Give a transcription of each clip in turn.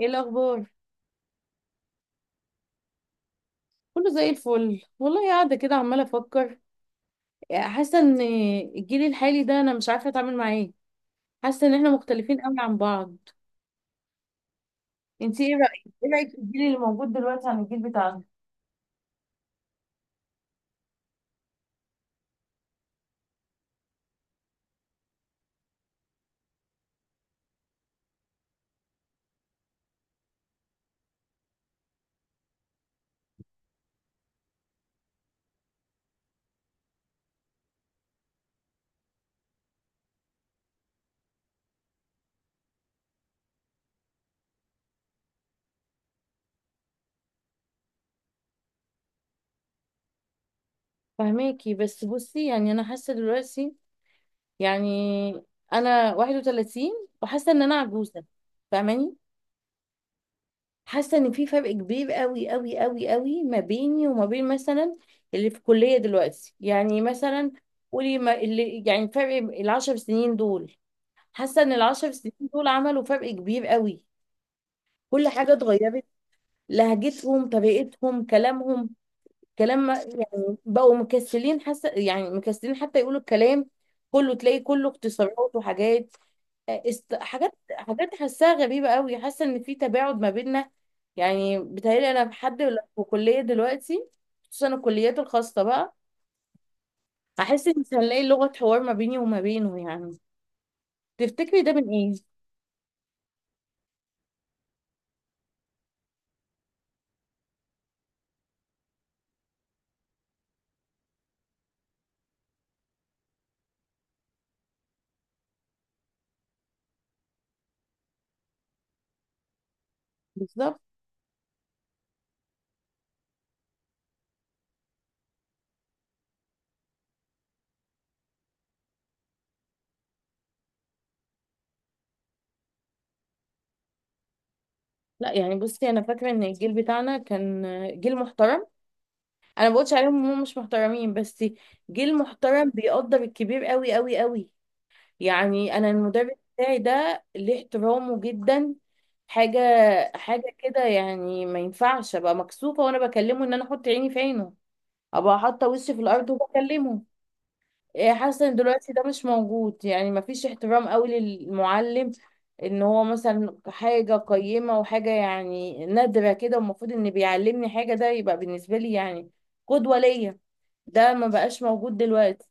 ايه الاخبار؟ كله زي الفل والله، قاعده كده عماله افكر. حاسه ان الجيل الحالي ده انا مش عارفه اتعامل معاه إيه. حاسه ان احنا مختلفين قوي عن بعض. انتي ايه رايك في الجيل اللي موجود دلوقتي عن الجيل بتاعنا؟ فهماكي، بس بصي يعني انا حاسه دلوقتي يعني انا 31 وحاسه ان انا عجوزه، فاهماني؟ حاسه ان في فرق كبير قوي قوي قوي قوي ما بيني وما بين مثلا اللي في الكليه دلوقتي، يعني مثلا قولي ما اللي يعني فرق ال10 سنين دول. حاسه ان ال10 سنين دول عملوا فرق كبير قوي، كل حاجه اتغيرت، لهجتهم طريقتهم كلامهم، كلام يعني بقوا مكسلين، حاسه يعني مكسلين حتى يقولوا الكلام، كله تلاقي كله اختصارات وحاجات، است... حاجات حاجات حاساها غريبة قوي، حاسة ان في تباعد ما بيننا. يعني بتهيألي انا بحد في كلية دلوقتي، خصوصا الكليات الخاصة بقى، هحس ان مش هنلاقي لغة حوار ما بيني وما بينه يعني. تفتكري ده من ايه؟ بالظبط. لا يعني بصي انا فاكرة ان الجيل بتاعنا كان جيل محترم، انا ما بقولش عليهم ان هم مش محترمين، بس جيل محترم بيقدر الكبير قوي قوي قوي. يعني انا المدرس بتاعي ده ليه احترامه جدا، حاجة حاجة كده، يعني ما ينفعش ابقى مكسوفة وانا بكلمه ان انا احط عيني في عينه، ابقى حاطة وشي في الارض وبكلمه. إيه، حاسة ان دلوقتي ده مش موجود، يعني ما فيش احترام قوي للمعلم، ان هو مثلا حاجة قيمة وحاجة يعني نادرة كده، والمفروض ان بيعلمني حاجة، ده يبقى بالنسبة لي يعني قدوة ليا. ده ما بقاش موجود دلوقتي.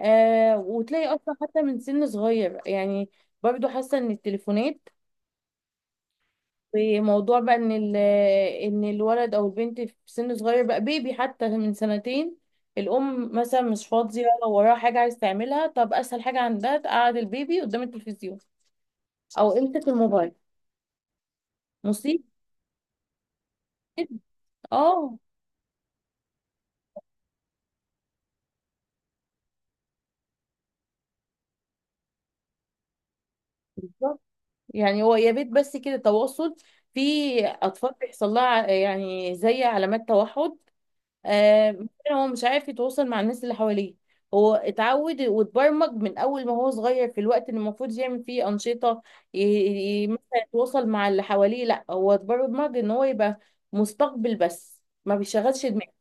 آه، وتلاقي اصلا حتى من سن صغير يعني برضو حاسه ان التليفونات وموضوع بقى ان ان الولد او البنت في سن صغير بقى بيبي حتى من سنتين، الام مثلا مش فاضيه، وراها حاجه عايز تعملها، طب اسهل حاجه عندها تقعد البيبي قدام التلفزيون او امسك الموبايل. مصيبه جداً. اه، بالظبط. يعني هو يا بيت بس كده تواصل. في اطفال بيحصل لها يعني زي علامات توحد. آه، مثلا هو مش عارف يتواصل مع الناس اللي حواليه، هو اتعود واتبرمج من اول ما هو صغير في الوقت اللي المفروض يعمل فيه انشطه، ي- مثلا يتواصل مع اللي حواليه، لا هو اتبرمج ان هو يبقى مستقبل بس ما بيشغلش دماغه.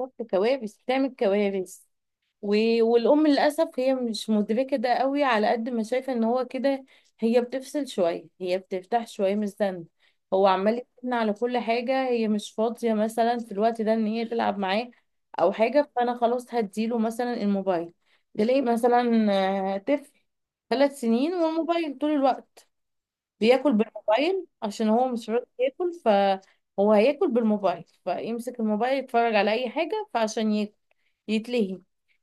بتحط كوارث، بتعمل كوارث. والأم للأسف هي مش مدركة ده قوي، على قد ما شايفة ان هو كده، هي بتفصل شوية، هي بتفتح شوية من الزن، هو عمال يتكلم على كل حاجة، هي مش فاضية مثلا في الوقت ده ان هي تلعب معاه أو حاجة، فأنا خلاص هديله مثلا الموبايل. تلاقي مثلا آه، طفل 3 سنين والموبايل طول الوقت، بياكل بالموبايل عشان هو مش راضي ياكل، فهو هياكل بالموبايل، فيمسك الموبايل يتفرج على اي حاجة فعشان ياكل يتلهي.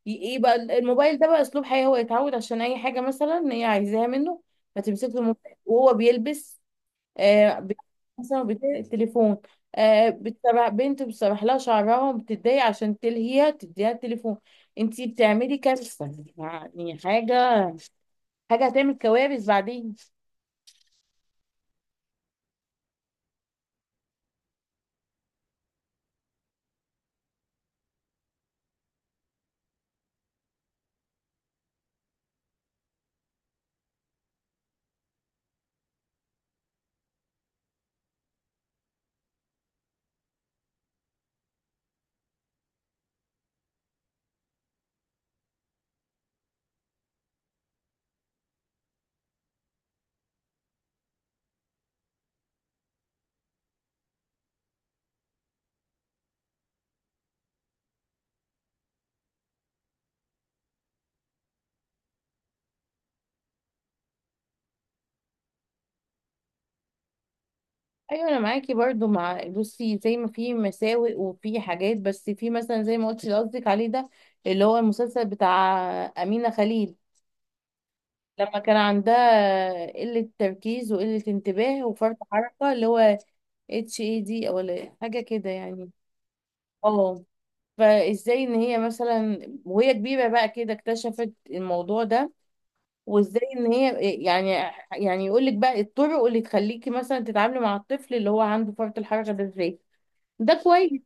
يبقى الموبايل ده بقى اسلوب حياة، هو يتعود عشان اي حاجة مثلا إن هي عايزاها منه، فتمسك له الموبايل وهو بيلبس. آه بي- مثلا التليفون، آه بتسرح بنت، بتسرح لها شعرها وبتتضايق، عشان تلهيها تديها التليفون. انتي بتعملي كارثة. يعني حاجة هتعمل كوارث بعدين. ايوه انا معاكي برضو، مع بصي زي ما في مساوئ وفي حاجات، بس في مثلا زي ما قلتي اللي قصدك عليه ده، اللي هو المسلسل بتاع امينه خليل، لما كان عندها قله تركيز وقله انتباه وفرط حركه، اللي هو اتش اي دي او حاجه كده يعني. اه، فازاي ان هي مثلا وهي كبيره بقى كده اكتشفت الموضوع ده، وازاي ان هي إيه، يعني يعني يقول لك بقى الطرق اللي تخليكي مثلا تتعاملي مع الطفل اللي هو عنده فرط الحركه ده ازاي. ده كويس.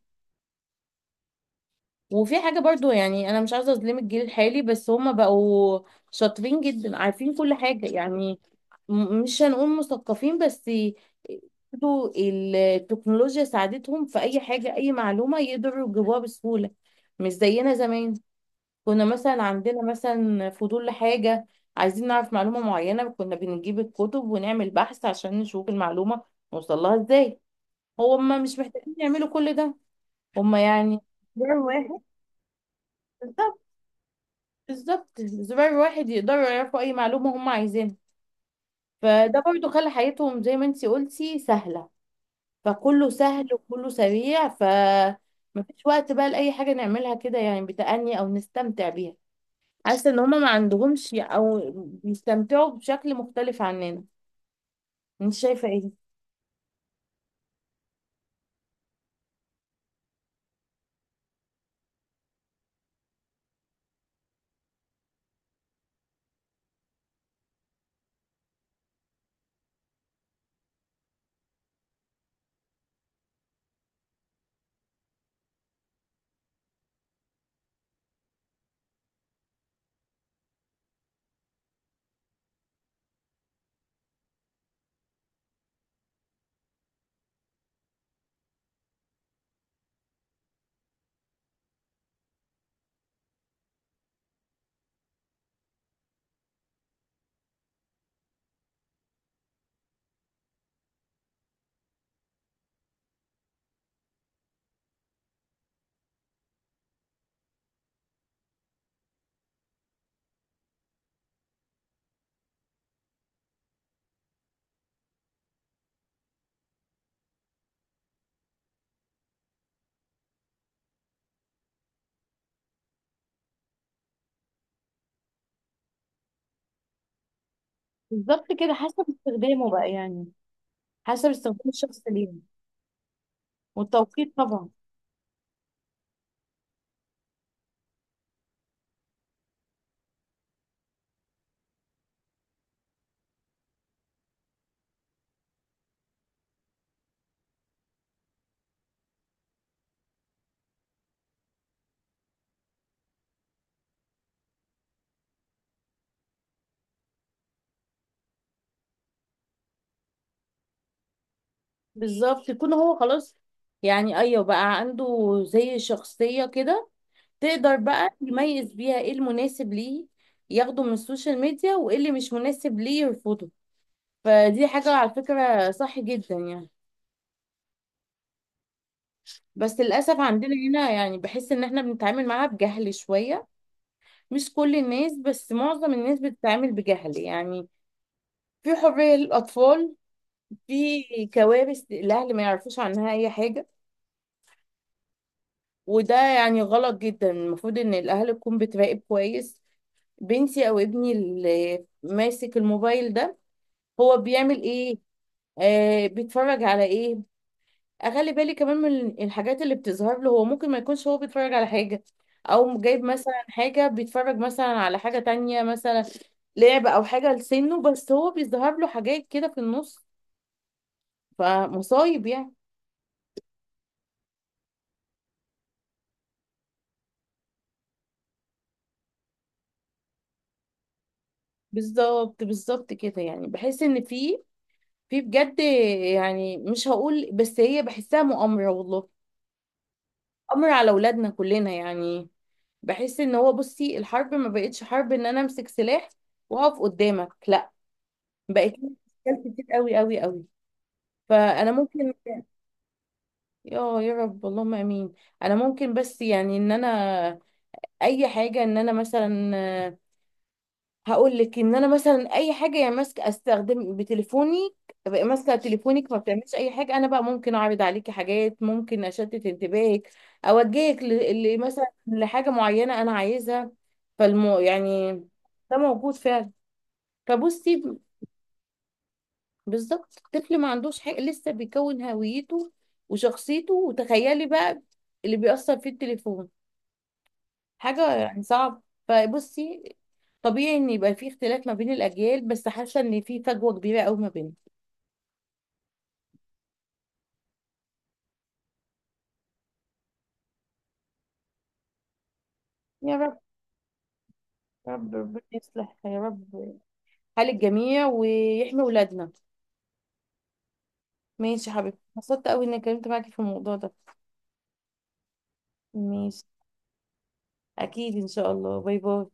وفي حاجة برضو يعني، أنا مش عايزة أظلم الجيل الحالي، بس هما بقوا شاطرين جدا، عارفين كل حاجة يعني، مش هنقول مثقفين بس، برضو التكنولوجيا ساعدتهم في أي حاجة، أي معلومة يقدروا يجيبوها بسهولة، مش زينا زمان. كنا مثلا عندنا مثلا فضول لحاجة، عايزين نعرف معلومة معينة، كنا بنجيب الكتب ونعمل بحث عشان نشوف المعلومة نوصلها ازاي. هما مش محتاجين يعملوا كل ده. هما يعني ده واحد. بالظبط، زرار واحد يقدروا يعرفوا اي معلومة هم عايزينها. فده برضو خلى حياتهم زي ما انتي قلتي سهلة، فكله سهل وكله سريع، ف مفيش وقت بقى لأي حاجة نعملها كده يعني بتأني أو نستمتع بيها. حاسة إن هما ما عندهمش، أو بيستمتعوا بشكل مختلف عننا. انت شايفة ايه؟ بالظبط كده، حسب استخدامه بقى يعني، حسب استخدام الشخص ليه، والتوقيت طبعا. بالظبط، يكون هو خلاص، يعني أيوه بقى عنده زي شخصية كده، تقدر بقى يميز بيها ايه المناسب ليه ياخده من السوشيال ميديا، وايه اللي مش مناسب ليه يرفضه. فدي حاجة على فكرة صح جدا يعني. بس للأسف عندنا هنا يعني بحس إن احنا بنتعامل معاها بجهل شوية، مش كل الناس بس معظم الناس بتتعامل بجهل يعني، في حرية للأطفال، في كوارث الأهل ما يعرفوش عنها أي حاجة. وده يعني غلط جدا، المفروض إن الأهل تكون بتراقب كويس، بنتي أو ابني اللي ماسك الموبايل ده هو بيعمل ايه، آه بيتفرج على ايه، اخلي بالي كمان من الحاجات اللي بتظهر له. هو ممكن ما يكونش هو بيتفرج على حاجة او جايب مثلا حاجة، بيتفرج مثلا على حاجة تانية مثلا لعب او حاجة لسنه، بس هو بيظهر له حاجات كده في النص، فمصايب يعني. بالظبط بالظبط كده، يعني بحس ان في بجد، يعني مش هقول، بس هي بحسها مؤامرة والله، أمر على أولادنا كلنا يعني. بحس ان هو بصي الحرب ما بقتش حرب ان انا امسك سلاح واقف قدامك، لا، بقت لي اشكال كتير قوي قوي قوي. فانا ممكن يا رب اللهم امين. انا ممكن بس يعني ان انا اي حاجه، ان انا مثلا هقول لك ان انا مثلا اي حاجه يعني ماسكه، استخدم بتليفوني بقى، ماسكه تليفونك ما بتعملش اي حاجه، انا بقى ممكن اعرض عليكي حاجات، ممكن اشتت انتباهك، اوجهك مثلا لحاجه معينه انا عايزها. فالمو يعني ده موجود فعلا. فبصي بالظبط الطفل ما عندوش حاجه لسه، بيكون هويته وشخصيته، وتخيلي بقى اللي بيأثر فيه التليفون حاجه يعني صعب. فبصي طبيعي ان يبقى في اختلاف ما بين الاجيال، بس حاسه ان في فجوه كبيره قوي ما بينهم. يا رب، يا رب ربنا يصلح يا رب حال الجميع ويحمي ولادنا. ماشي يا حبيبتي، انبسطت قوي اني اتكلمت معاكي في الموضوع ده. ماشي، اكيد ان شاء الله، باي باي.